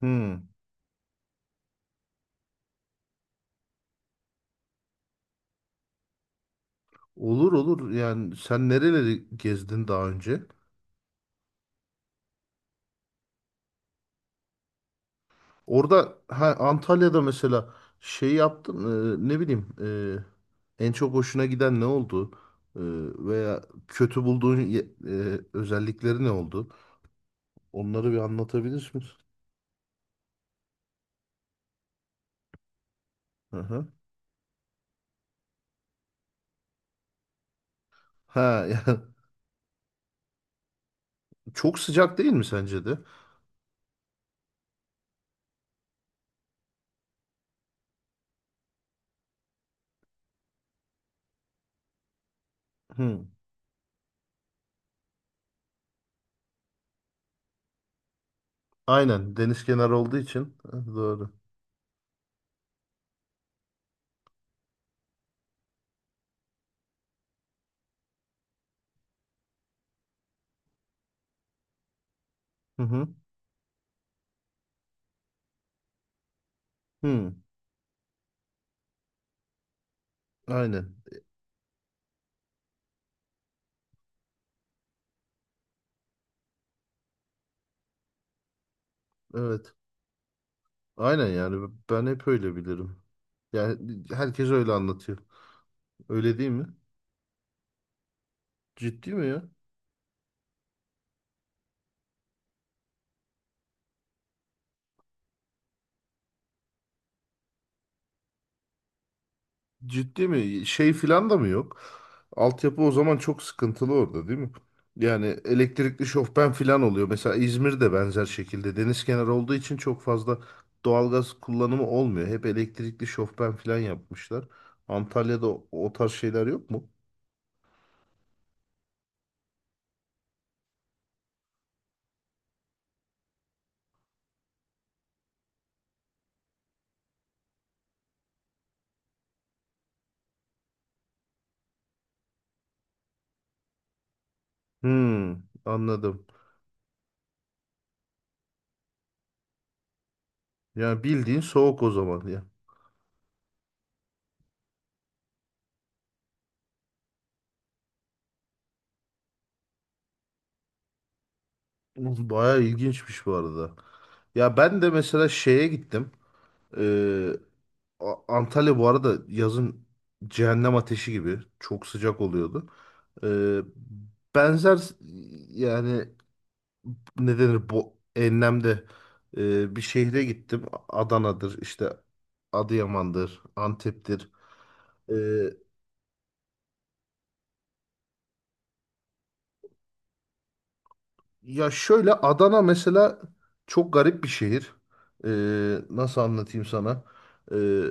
Hmm. Olur olur. Yani sen nereleri gezdin daha önce? Orada ha, Antalya'da mesela şey yaptın ne bileyim en çok hoşuna giden ne oldu? E, Veya kötü bulduğun özellikleri ne oldu? Onları bir anlatabilir misin? Hı hı. Ha. Yani çok sıcak değil mi sence de? Hı. Aynen, deniz kenarı olduğu için. Ha, doğru. Hı hı. Hı. Aynen. Evet. Aynen yani ben hep öyle bilirim. Yani herkes öyle anlatıyor. Öyle değil mi? Ciddi mi ya? Ciddi mi? Şey filan da mı yok? Altyapı o zaman çok sıkıntılı orada, değil mi? Yani elektrikli şofben filan oluyor. Mesela İzmir'de benzer şekilde deniz kenarı olduğu için çok fazla doğalgaz kullanımı olmuyor. Hep elektrikli şofben filan yapmışlar. Antalya'da o tarz şeyler yok mu? Hmm, Anladım. Yani bildiğin soğuk o zaman ya. Bayağı ilginçmiş bu arada. Ya ben de mesela şeye gittim. Ee, Antalya bu arada yazın cehennem ateşi gibi çok sıcak oluyordu. Ee, Benzer yani ne denir, bu enlemde bir şehre gittim. Adana'dır işte, Adıyaman'dır, Antep'tir. Ee, Ya şöyle, Adana mesela çok garip bir şehir. Nasıl anlatayım sana? Ee,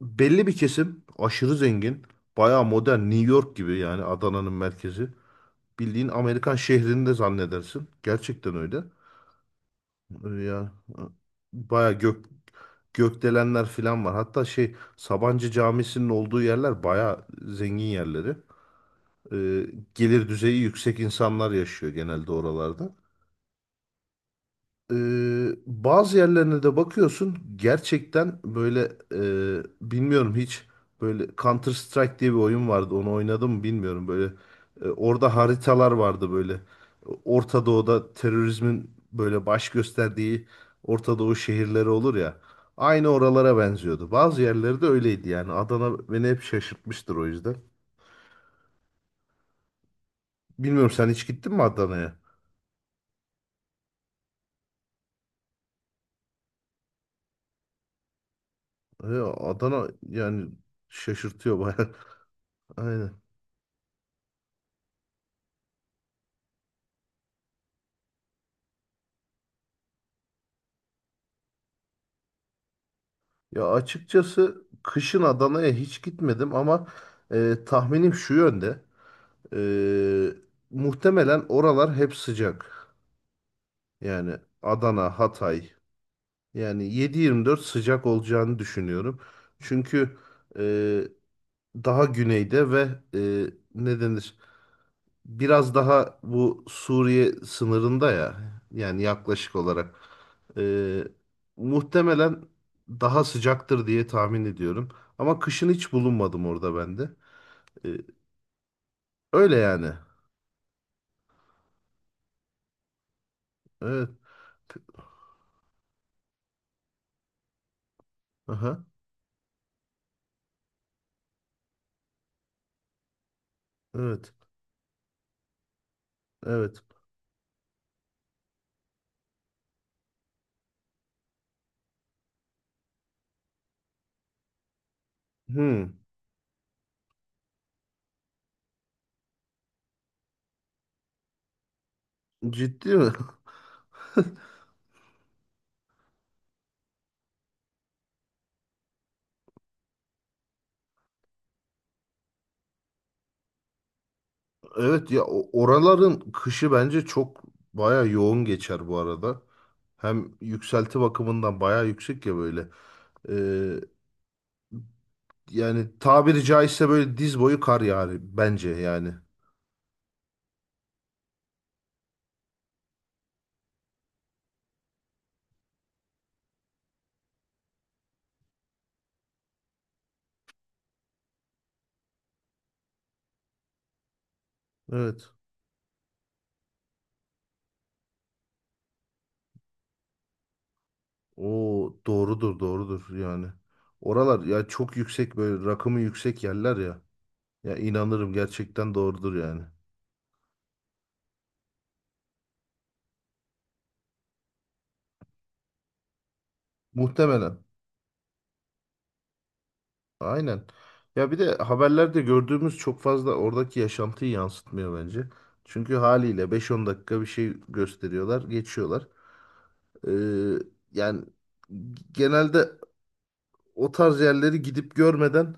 Belli bir kesim aşırı zengin. Bayağı modern, New York gibi yani Adana'nın merkezi. Bildiğin Amerikan şehrini de zannedersin. Gerçekten öyle. Ya bayağı gökdelenler falan var. Hatta şey, Sabancı Camisi'nin olduğu yerler bayağı zengin yerleri. Ee, Gelir düzeyi yüksek insanlar yaşıyor genelde oralarda. Bazı yerlerine de bakıyorsun, gerçekten böyle bilmiyorum hiç, böyle Counter Strike diye bir oyun vardı, onu oynadım mı bilmiyorum. Böyle orada haritalar vardı, böyle Orta Doğu'da terörizmin böyle baş gösterdiği Orta Doğu şehirleri olur ya, aynı oralara benziyordu. Bazı yerleri de öyleydi yani. Adana beni hep şaşırtmıştır o yüzden. Bilmiyorum, sen hiç gittin mi Adana'ya? Adana yani şaşırtıyor bayağı. Aynen. Ya açıkçası kışın Adana'ya hiç gitmedim, ama tahminim şu yönde. E, Muhtemelen oralar hep sıcak. Yani Adana, Hatay. Yani 7/24 sıcak olacağını düşünüyorum. Çünkü e, daha güneyde, ve e, ne denir? Biraz daha bu Suriye sınırında ya. Yani yaklaşık olarak. Ee, Muhtemelen daha sıcaktır diye tahmin ediyorum. Ama kışın hiç bulunmadım orada ben de. Ee, Öyle yani. Evet. Aha. Evet. Evet. Hmm. Ciddi mi? Evet ya, oraların kışı bence çok baya yoğun geçer bu arada. Hem yükselti bakımından baya yüksek ya böyle. Ee, Yani tabiri caizse böyle diz boyu kar yani, bence yani. Evet. O doğrudur doğrudur yani. Oralar ya çok yüksek, böyle rakımı yüksek yerler ya. Ya inanırım, gerçekten doğrudur yani. Muhtemelen. Aynen. Ya bir de haberlerde gördüğümüz çok fazla oradaki yaşantıyı yansıtmıyor bence. Çünkü haliyle beş on dakika bir şey gösteriyorlar, geçiyorlar. Ee, Yani genelde o tarz yerleri gidip görmeden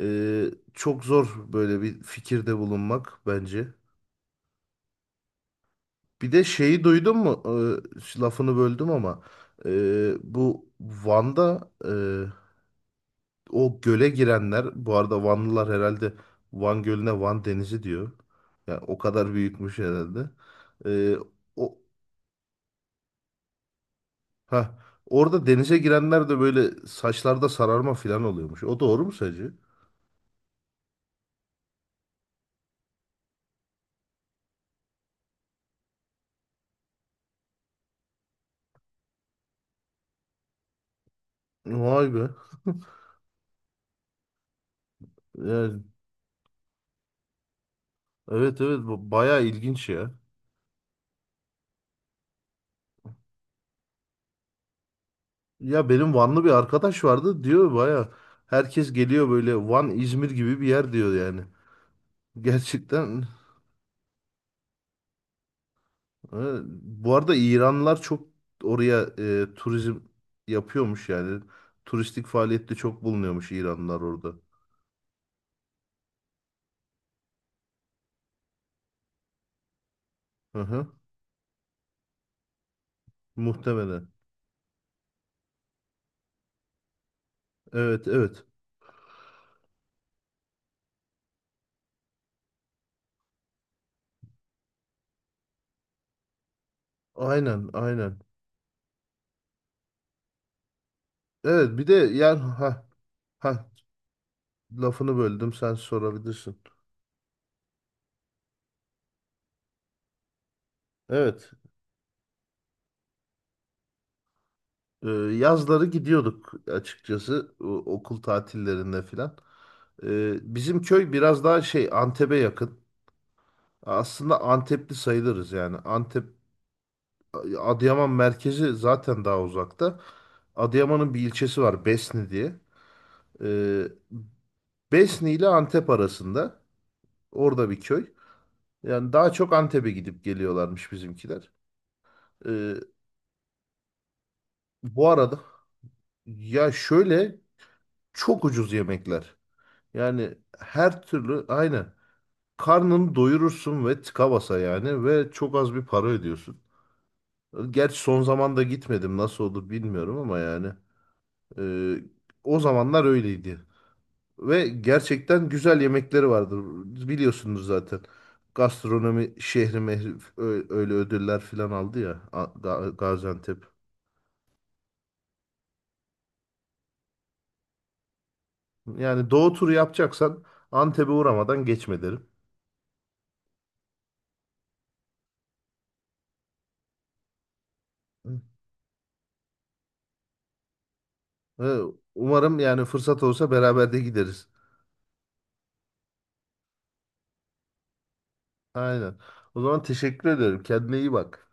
e, çok zor böyle bir fikirde bulunmak bence. Bir de şeyi duydun mu? Lafını böldüm ama bu Van'da o göle girenler, bu arada Vanlılar herhalde Van Gölü'ne Van Denizi diyor. Yani o kadar büyütmüş herhalde. Ee, o ha Orada denize girenler de böyle saçlarda sararma falan oluyormuş. O doğru mu sacı? Vay be. Yani, evet evet, bu bayağı ilginç ya. Ya benim Vanlı bir arkadaş vardı, diyor baya herkes geliyor, böyle Van İzmir gibi bir yer diyor yani. Gerçekten. e, Bu arada İranlılar çok oraya turizm yapıyormuş yani. Turistik faaliyette çok bulunuyormuş İranlılar orada. Hı hı, muhtemelen. Evet evet. Aynen aynen. Evet bir de yani, ha ha, lafını böldüm, sen sorabilirsin. Evet. Yazları gidiyorduk açıkçası, okul tatillerinde filan. Bizim köy biraz daha şey, Antep'e yakın. Aslında Antepli sayılırız yani. Antep, Adıyaman merkezi zaten daha uzakta. Adıyaman'ın bir ilçesi var Besni diye. Ee, Besni ile Antep arasında. Orada bir köy. Yani daha çok Antep'e gidip geliyorlarmış bizimkiler. Ee, Bu arada, ya şöyle, çok ucuz yemekler. Yani her türlü aynı. Karnını doyurursun ve tıka basa yani, ve çok az bir para ödüyorsun. Gerçi son zamanda gitmedim, nasıl olur bilmiyorum ama yani e, o zamanlar öyleydi. Ve gerçekten güzel yemekleri vardır, biliyorsunuz zaten. Gastronomi şehri mehri, öyle ödüller falan aldı ya, Gaziantep. Yani doğu turu yapacaksan, Antep'e uğramadan geçme derim. Ve umarım yani, fırsat olsa beraber de gideriz. Aynen. O zaman teşekkür ederim. Kendine iyi bak.